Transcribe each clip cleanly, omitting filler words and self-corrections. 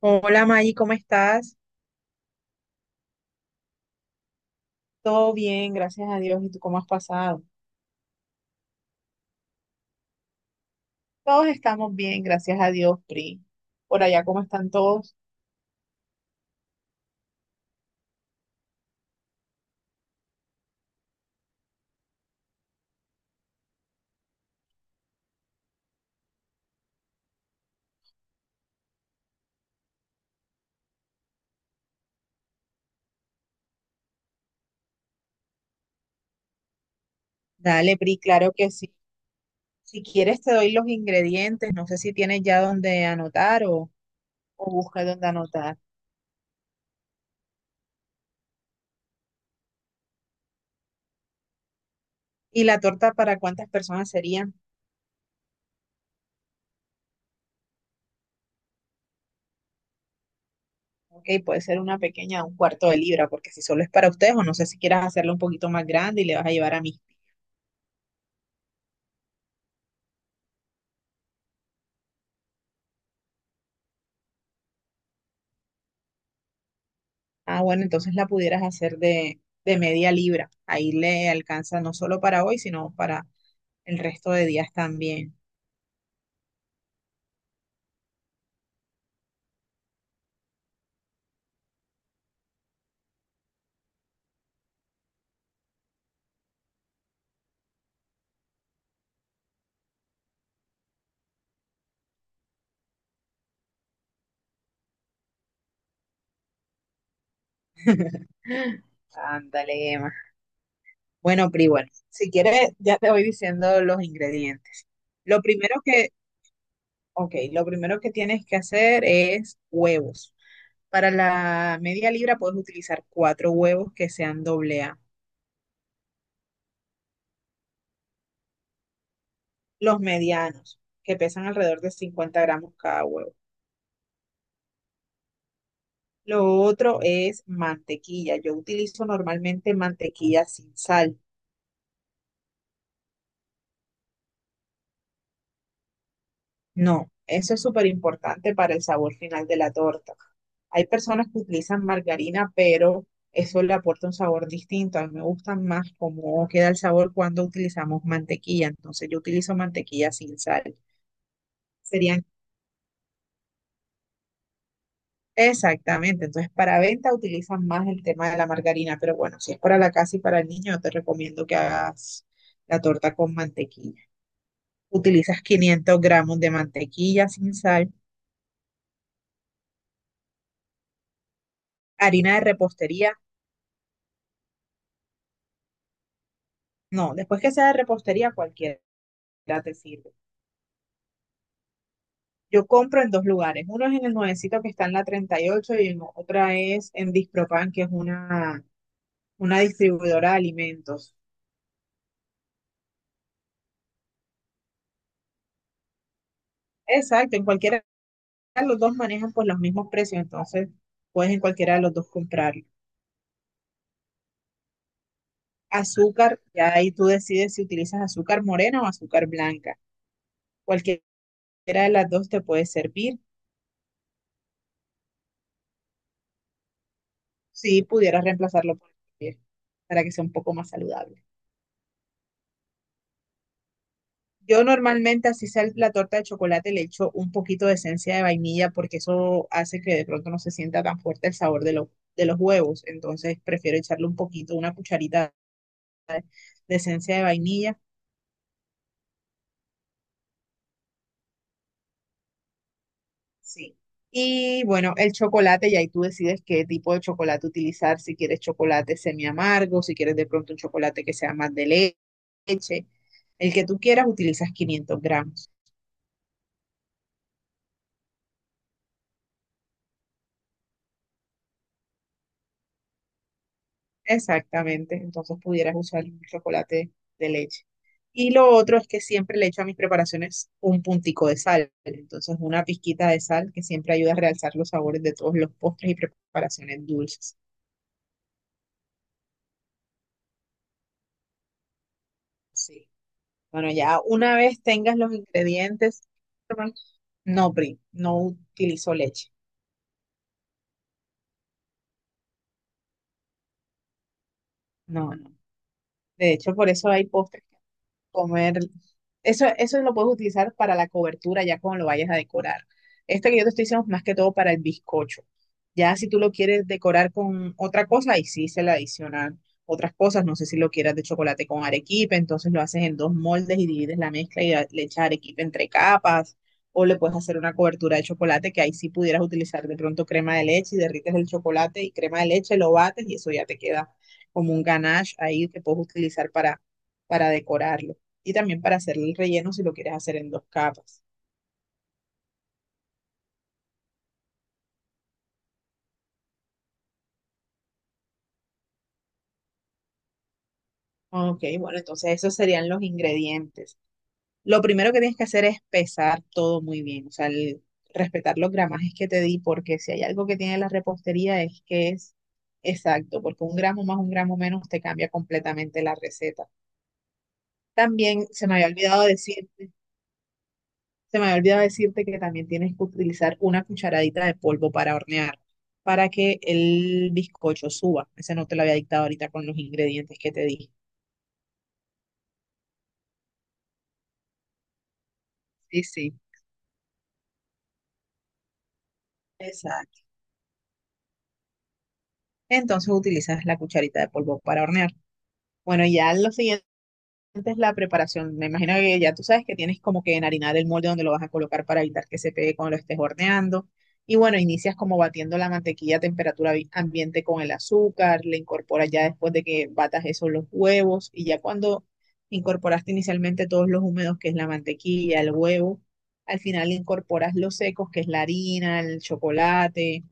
Hola Maggie, ¿cómo estás? Todo bien, gracias a Dios. ¿Y tú cómo has pasado? Todos estamos bien, gracias a Dios, Pri. Por allá, ¿cómo están todos? Dale, Pri, claro que sí. Si quieres, te doy los ingredientes. No sé si tienes ya dónde anotar o buscas dónde anotar. ¿Y la torta para cuántas personas sería? Ok, puede ser una pequeña, un cuarto de libra, porque si solo es para ustedes, o no sé si quieras hacerla un poquito más grande y le vas a llevar a mí. Ah, bueno, entonces la pudieras hacer de media libra. Ahí le alcanza no solo para hoy, sino para el resto de días también. Ándale, Emma. Bueno, Pri, bueno, si quieres, ya te voy diciendo los ingredientes. Lo primero que, ok, lo primero que tienes que hacer es huevos. Para la media libra puedes utilizar cuatro huevos que sean doble A. Los medianos, que pesan alrededor de 50 gramos cada huevo. Lo otro es mantequilla. Yo utilizo normalmente mantequilla sin sal. No, eso es súper importante para el sabor final de la torta. Hay personas que utilizan margarina, pero eso le aporta un sabor distinto. A mí me gusta más cómo queda el sabor cuando utilizamos mantequilla. Entonces yo utilizo mantequilla sin sal. Serían exactamente. Entonces para venta utilizan más el tema de la margarina, pero bueno, si es para la casa y para el niño, yo te recomiendo que hagas la torta con mantequilla. Utilizas 500 gramos de mantequilla sin sal, harina de repostería. No, después que sea de repostería, cualquiera te sirve. Yo compro en dos lugares. Uno es en el nuevecito que está en la 38 y ocho y en otra es en Dispropan, que es una distribuidora de alimentos. Exacto, en cualquiera de los dos manejan pues los mismos precios, entonces puedes en cualquiera de los dos comprarlo. Azúcar, ya ahí tú decides si utilizas azúcar morena o azúcar blanca. Cualquiera de las dos te puede servir. Si pudieras reemplazarlo por el kefir, para que sea un poco más saludable. Yo normalmente, así sea la torta de chocolate, le echo un poquito de esencia de vainilla porque eso hace que de pronto no se sienta tan fuerte el sabor de los huevos. Entonces prefiero echarle un poquito, una cucharita de esencia de vainilla. Sí. Y bueno, el chocolate, y ahí tú decides qué tipo de chocolate utilizar, si quieres chocolate semi amargo, si quieres de pronto un chocolate que sea más de leche. El que tú quieras, utilizas 500 gramos. Exactamente, entonces pudieras usar un chocolate de leche. Y lo otro es que siempre le echo a mis preparaciones un puntico de sal, entonces una pizquita de sal que siempre ayuda a realzar los sabores de todos los postres y preparaciones dulces. Sí. Bueno, ya una vez tengas los ingredientes, no, Pri, no utilizo leche. No, no. De hecho, por eso hay postres comer. Eso lo puedes utilizar para la cobertura ya cuando lo vayas a decorar. Este que yo te estoy diciendo es más que todo para el bizcocho. Ya si tú lo quieres decorar con otra cosa, ahí sí se le adicionan otras cosas. No sé si lo quieras de chocolate con arequipe, entonces lo haces en dos moldes y divides la mezcla y le echas arequipe entre capas. O le puedes hacer una cobertura de chocolate que ahí sí pudieras utilizar de pronto crema de leche y derrites el chocolate y crema de leche, lo bates y eso ya te queda como un ganache ahí que puedes utilizar para decorarlo y también para hacer el relleno si lo quieres hacer en dos capas. Ok, bueno, entonces esos serían los ingredientes. Lo primero que tienes que hacer es pesar todo muy bien, o sea, respetar los gramajes que te di, porque si hay algo que tiene la repostería es que es exacto, porque un gramo más, un gramo menos te cambia completamente la receta. También se me había olvidado decir Se me había olvidado decirte que también tienes que utilizar una cucharadita de polvo para hornear, para que el bizcocho suba. Ese no te lo había dictado ahorita con los ingredientes que te dije. Sí, sí. Exacto. Entonces utilizas la cucharita de polvo para hornear. Bueno, ya lo siguiente antes la preparación. Me imagino que ya tú sabes que tienes como que enharinar el molde donde lo vas a colocar para evitar que se pegue cuando lo estés horneando. Y bueno, inicias como batiendo la mantequilla a temperatura ambiente con el azúcar, le incorporas ya después de que batas esos los huevos y ya cuando incorporaste inicialmente todos los húmedos, que es la mantequilla, el huevo, al final incorporas los secos, que es la harina, el chocolate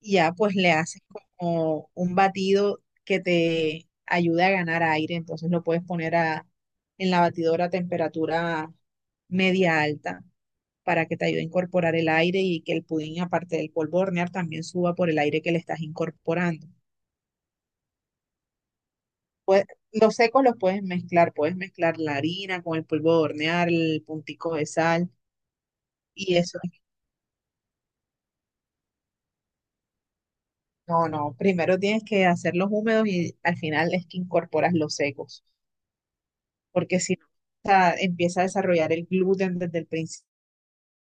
y ya pues le haces como un batido que te ayude a ganar aire, entonces lo puedes poner a, en la batidora a temperatura media alta para que te ayude a incorporar el aire y que el pudín, aparte del polvo de hornear, también suba por el aire que le estás incorporando. Pue- los secos los puedes mezclar la harina con el polvo de hornear, el puntico de sal y eso. No, no, primero tienes que hacerlos húmedos y al final es que incorporas los secos. Porque si no, o sea, empieza a desarrollar el gluten desde el principio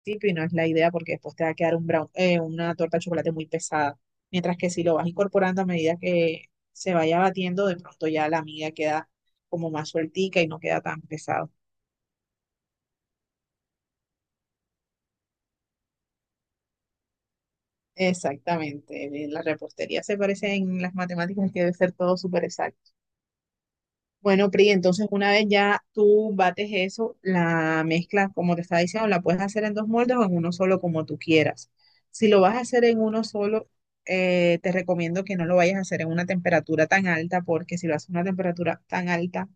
y no es la idea porque después te va a quedar una torta de chocolate muy pesada. Mientras que si lo vas incorporando a medida que se vaya batiendo, de pronto ya la miga queda como más sueltica y no queda tan pesado. Exactamente, en la repostería se parece en las matemáticas que debe ser todo súper exacto. Bueno, Pri, entonces una vez ya tú bates eso, la mezcla, como te estaba diciendo, la puedes hacer en dos moldes o en uno solo, como tú quieras. Si lo vas a hacer en uno solo, te recomiendo que no lo vayas a hacer en una temperatura tan alta, porque si lo haces en una temperatura tan alta,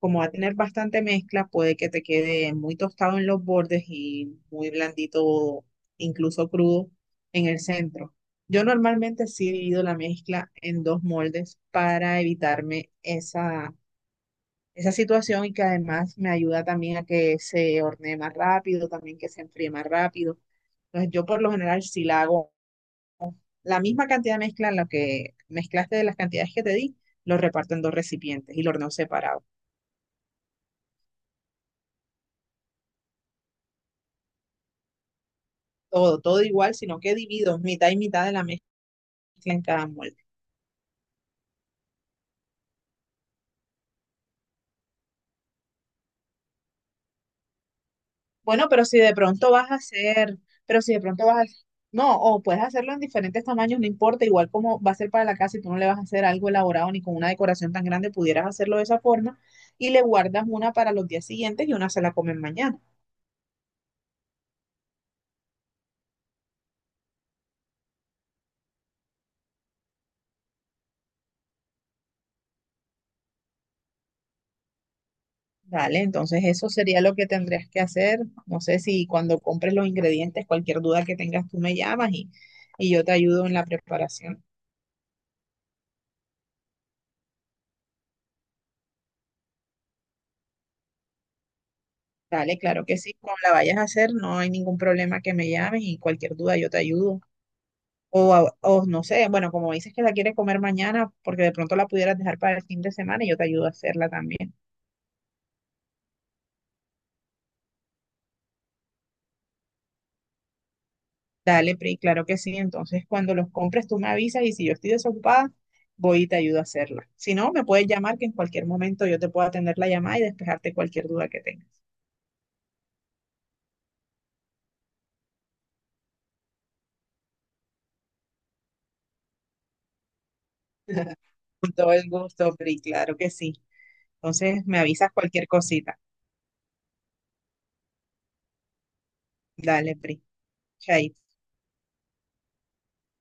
como va a tener bastante mezcla, puede que te quede muy tostado en los bordes y muy blandito, incluso crudo, en el centro. Yo normalmente sí divido la mezcla en dos moldes para evitarme esa situación y que además me ayuda también a que se hornee más rápido, también que se enfríe más rápido. Entonces yo por lo general si la hago la misma cantidad de mezcla en la que mezclaste de las cantidades que te di, lo reparto en dos recipientes y lo horneo separado. Todo, todo igual, sino que divido mitad y mitad de la mezcla en cada molde. Bueno, pero si de pronto vas a hacer, pero si de pronto vas a, no, o puedes hacerlo en diferentes tamaños, no importa, igual como va a ser para la casa y tú no le vas a hacer algo elaborado ni con una decoración tan grande, pudieras hacerlo de esa forma y le guardas una para los días siguientes y una se la comen mañana. Vale, entonces eso sería lo que tendrías que hacer. No sé si cuando compres los ingredientes, cualquier duda que tengas, tú me llamas y yo te ayudo en la preparación. Dale, claro que sí, cuando la vayas a hacer, no hay ningún problema que me llames y cualquier duda yo te ayudo. O no sé, bueno, como dices que la quieres comer mañana, porque de pronto la pudieras dejar para el fin de semana y yo te ayudo a hacerla también. Dale, Pri, claro que sí. Entonces, cuando los compres, tú me avisas y si yo estoy desocupada, voy y te ayudo a hacerla. Si no, me puedes llamar que en cualquier momento yo te puedo atender la llamada y despejarte cualquier duda que tengas. Con todo el gusto, Pri, claro que sí. Entonces, me avisas cualquier cosita. Dale, Pri. Chaito.